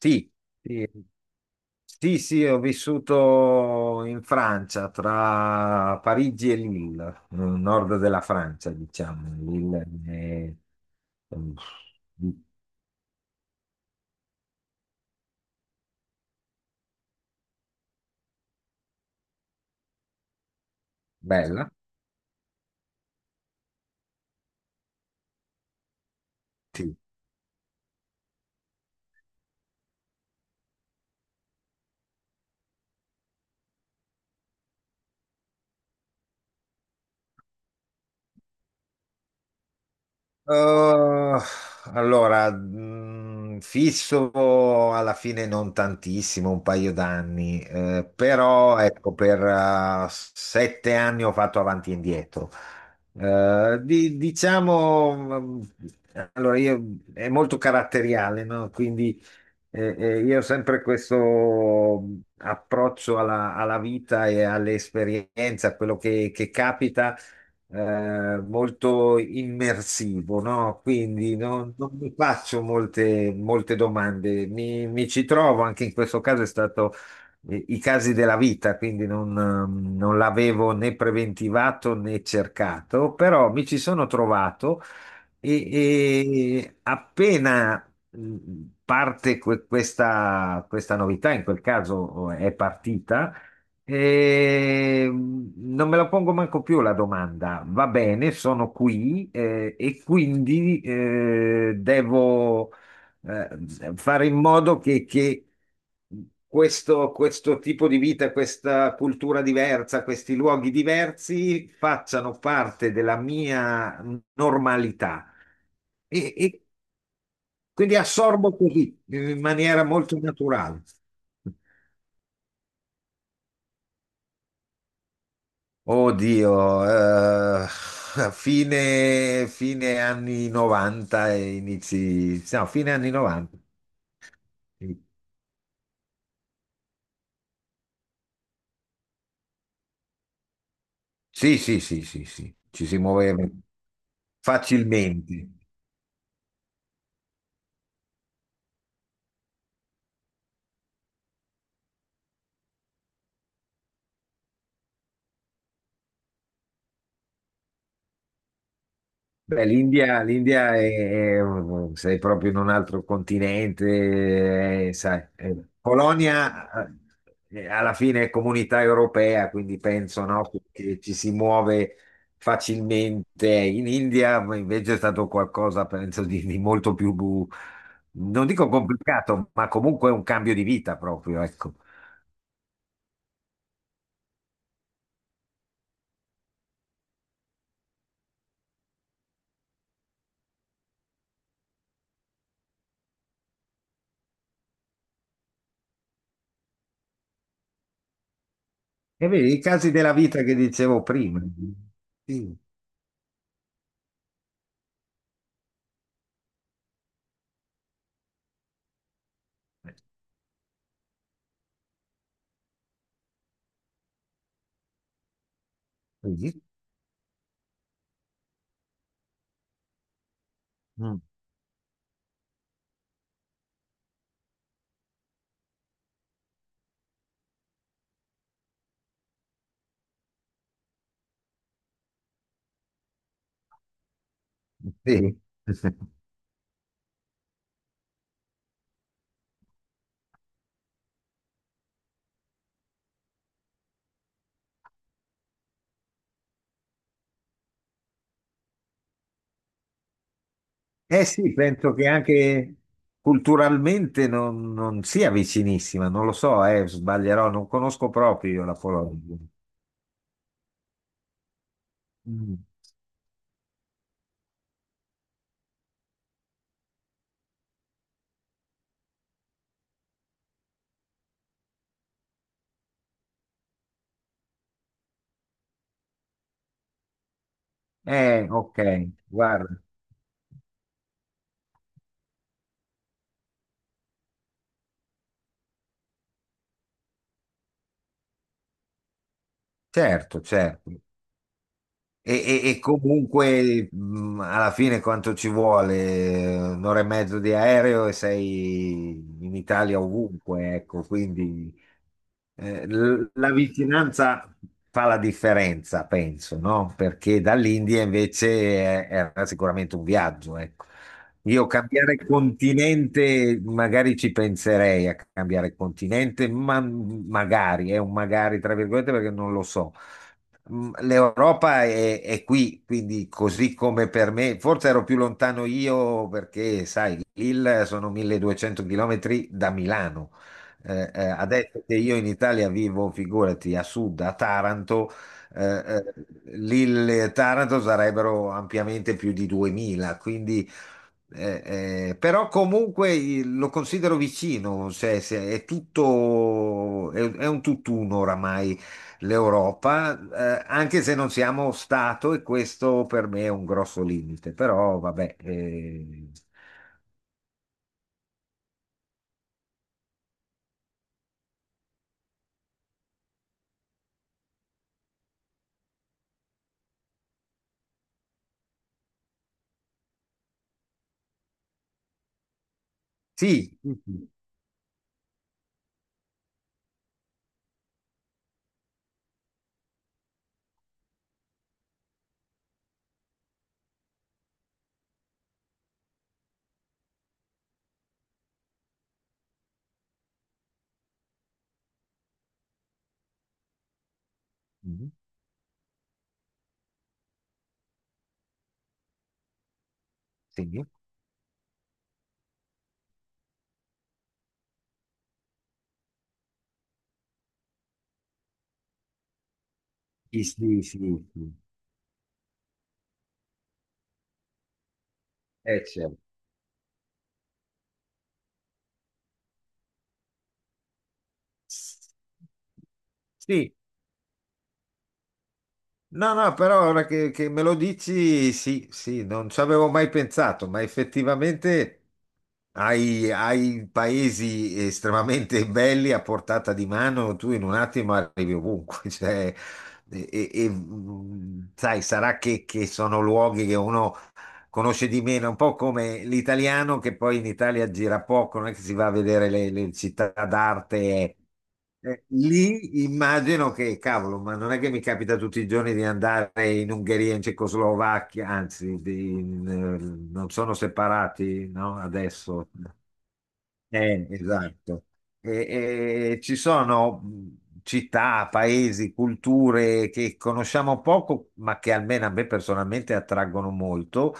Sì, sì, sì, sì, ho vissuto in Francia, tra Parigi e Lille, nel nord della Francia, diciamo. Lille è, eh, bella. Sì. Uh, allora, fisso alla fine non tantissimo, un paio d'anni, però ecco, per sette anni ho fatto avanti e indietro. Diciamo, allora io è molto caratteriale, no? Quindi io ho sempre questo approccio alla vita e all'esperienza, a quello che capita, molto immersivo, no? Quindi non mi faccio molte domande, mi ci trovo, anche in questo caso è stato, i casi della vita, quindi non l'avevo né preventivato né cercato, però mi ci sono trovato. e, e parte questa, questa novità. In quel caso, è partita, non me la pongo manco più la domanda. Va bene, sono qui, e quindi, devo, eh, fare in modo che questo tipo di vita, questa cultura diversa, questi luoghi diversi facciano parte della mia normalità. E quindi assorbo così, in maniera molto naturale. Oddio, fine anni 90 e inizi, no, fine anni 90. Sì, sì, sì, sì, sì, ci si muoveva facilmente. Beh, l'India è un- sei proprio in un altro continente, sai. Eh, Polonia, alla fine è comunità europea, quindi penso, no, che ci si muove facilmente. In India invece è stato qualcosa, penso, di molto più, non dico complicato, ma comunque un cambio di vita proprio, ecco. E vedi, i casi della vita che dicevo prima. Sì. Eh, sì. Mm. Sì. Eh sì, penso che anche culturalmente non sia vicinissima, non lo so, sbaglierò, non conosco proprio io la Polonia. Mm. Ok, guarda, certo, certo. E, Comunque, alla fine quanto ci vuole? Un'ora e mezzo di aereo e sei in Italia ovunque, ecco, quindi, eh, la vicinanza fa la differenza, penso, no? Perché dall'India invece, era sicuramente un viaggio, ecco. Io cambiare continente, magari ci penserei a cambiare continente, ma magari, è un magari tra virgolette perché non lo so. Mm, l'Europa è qui, quindi così come per me, forse ero più lontano io perché, sai, il sono 1200 chilometri da Milano, adesso che io in Italia vivo, figurati, a sud, a Taranto, eh, eh, lì le Taranto sarebbero ampiamente più di 2000, quindi, però comunque, lo considero vicino, cioè, se è tutto, è un tutt'uno oramai l'Europa, anche se non siamo stato e questo per me è un grosso limite, però vabbè, sì, sì, sì. Mhm. Sì, sì, sì. Sì, sì. Certo. Sì, no, no, però ora che me lo dici, sì, sì, non ci avevo mai pensato, ma effettivamente hai paesi estremamente belli a portata di mano, tu in un attimo arrivi ovunque, cioè, sai, sarà che sono luoghi che uno conosce di meno, un po' come l'italiano che poi in Italia gira poco, non è che si va a vedere le città d'arte. Lì immagino che, cavolo, ma non è che mi capita tutti i giorni di andare in Ungheria, in Cecoslovacchia, anzi, non sono separati, no? Adesso. Esatto. Ci sono, città, paesi, culture che conosciamo poco, ma che almeno a me personalmente attraggono molto.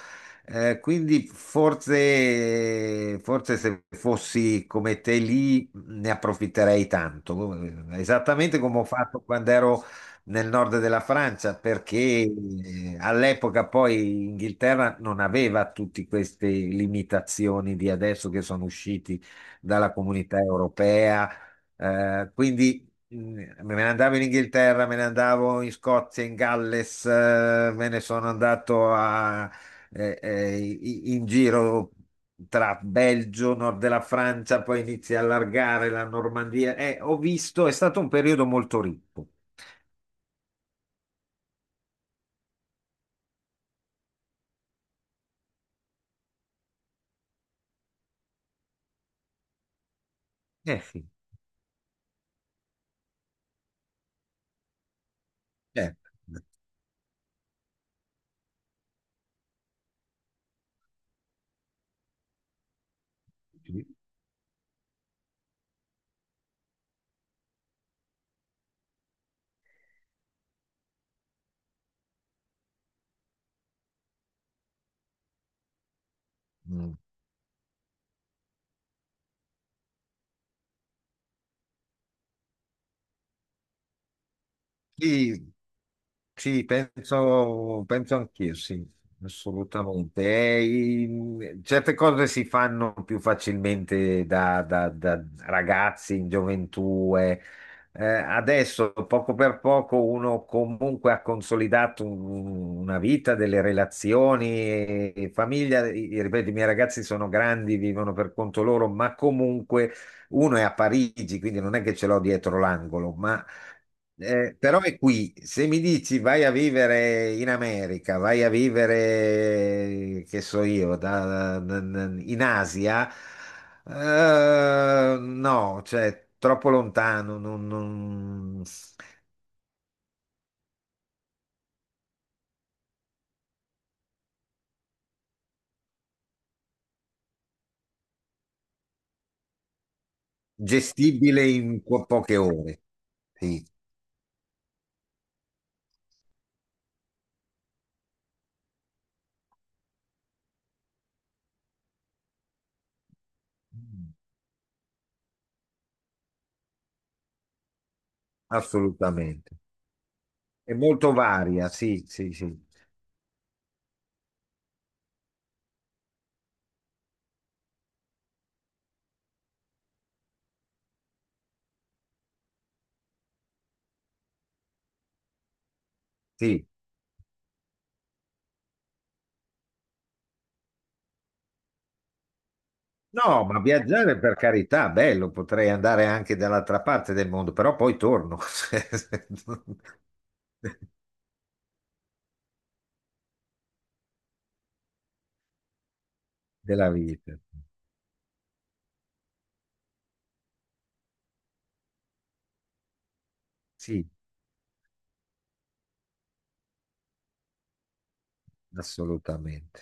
Quindi forse se fossi come te lì ne approfitterei tanto. Esattamente come ho fatto quando ero nel nord della Francia, perché, all'epoca poi Inghilterra non aveva tutte queste limitazioni di adesso che sono usciti dalla comunità europea. Quindi, me ne andavo in Inghilterra, me ne andavo in Scozia, in Galles, me ne sono andato a- i- in giro tra Belgio, nord della Francia, poi inizi a allargare la Normandia. Ho visto, è stato un periodo molto ricco. Eh sì, certo. Mm. Sì. Sì, penso anch'io, sì, assolutamente. Certe cose si fanno più facilmente da, da ragazzi in gioventù, adesso, poco per poco, uno comunque ha consolidato una vita, delle relazioni e famiglia. I- ripeto, i miei ragazzi sono grandi, vivono per conto loro, ma comunque uno è a Parigi, quindi non è che ce l'ho dietro l'angolo, ma, però è qui. Se mi dici vai a vivere in America, vai a vivere, che so io, in Asia, no, cioè troppo lontano, gestibile in poche ore. Sì, assolutamente. È molto varia, sì, sì, sì. Sì. No, ma viaggiare per carità, bello, potrei andare anche dall'altra parte del mondo, però poi torno della vita. Sì, assolutamente.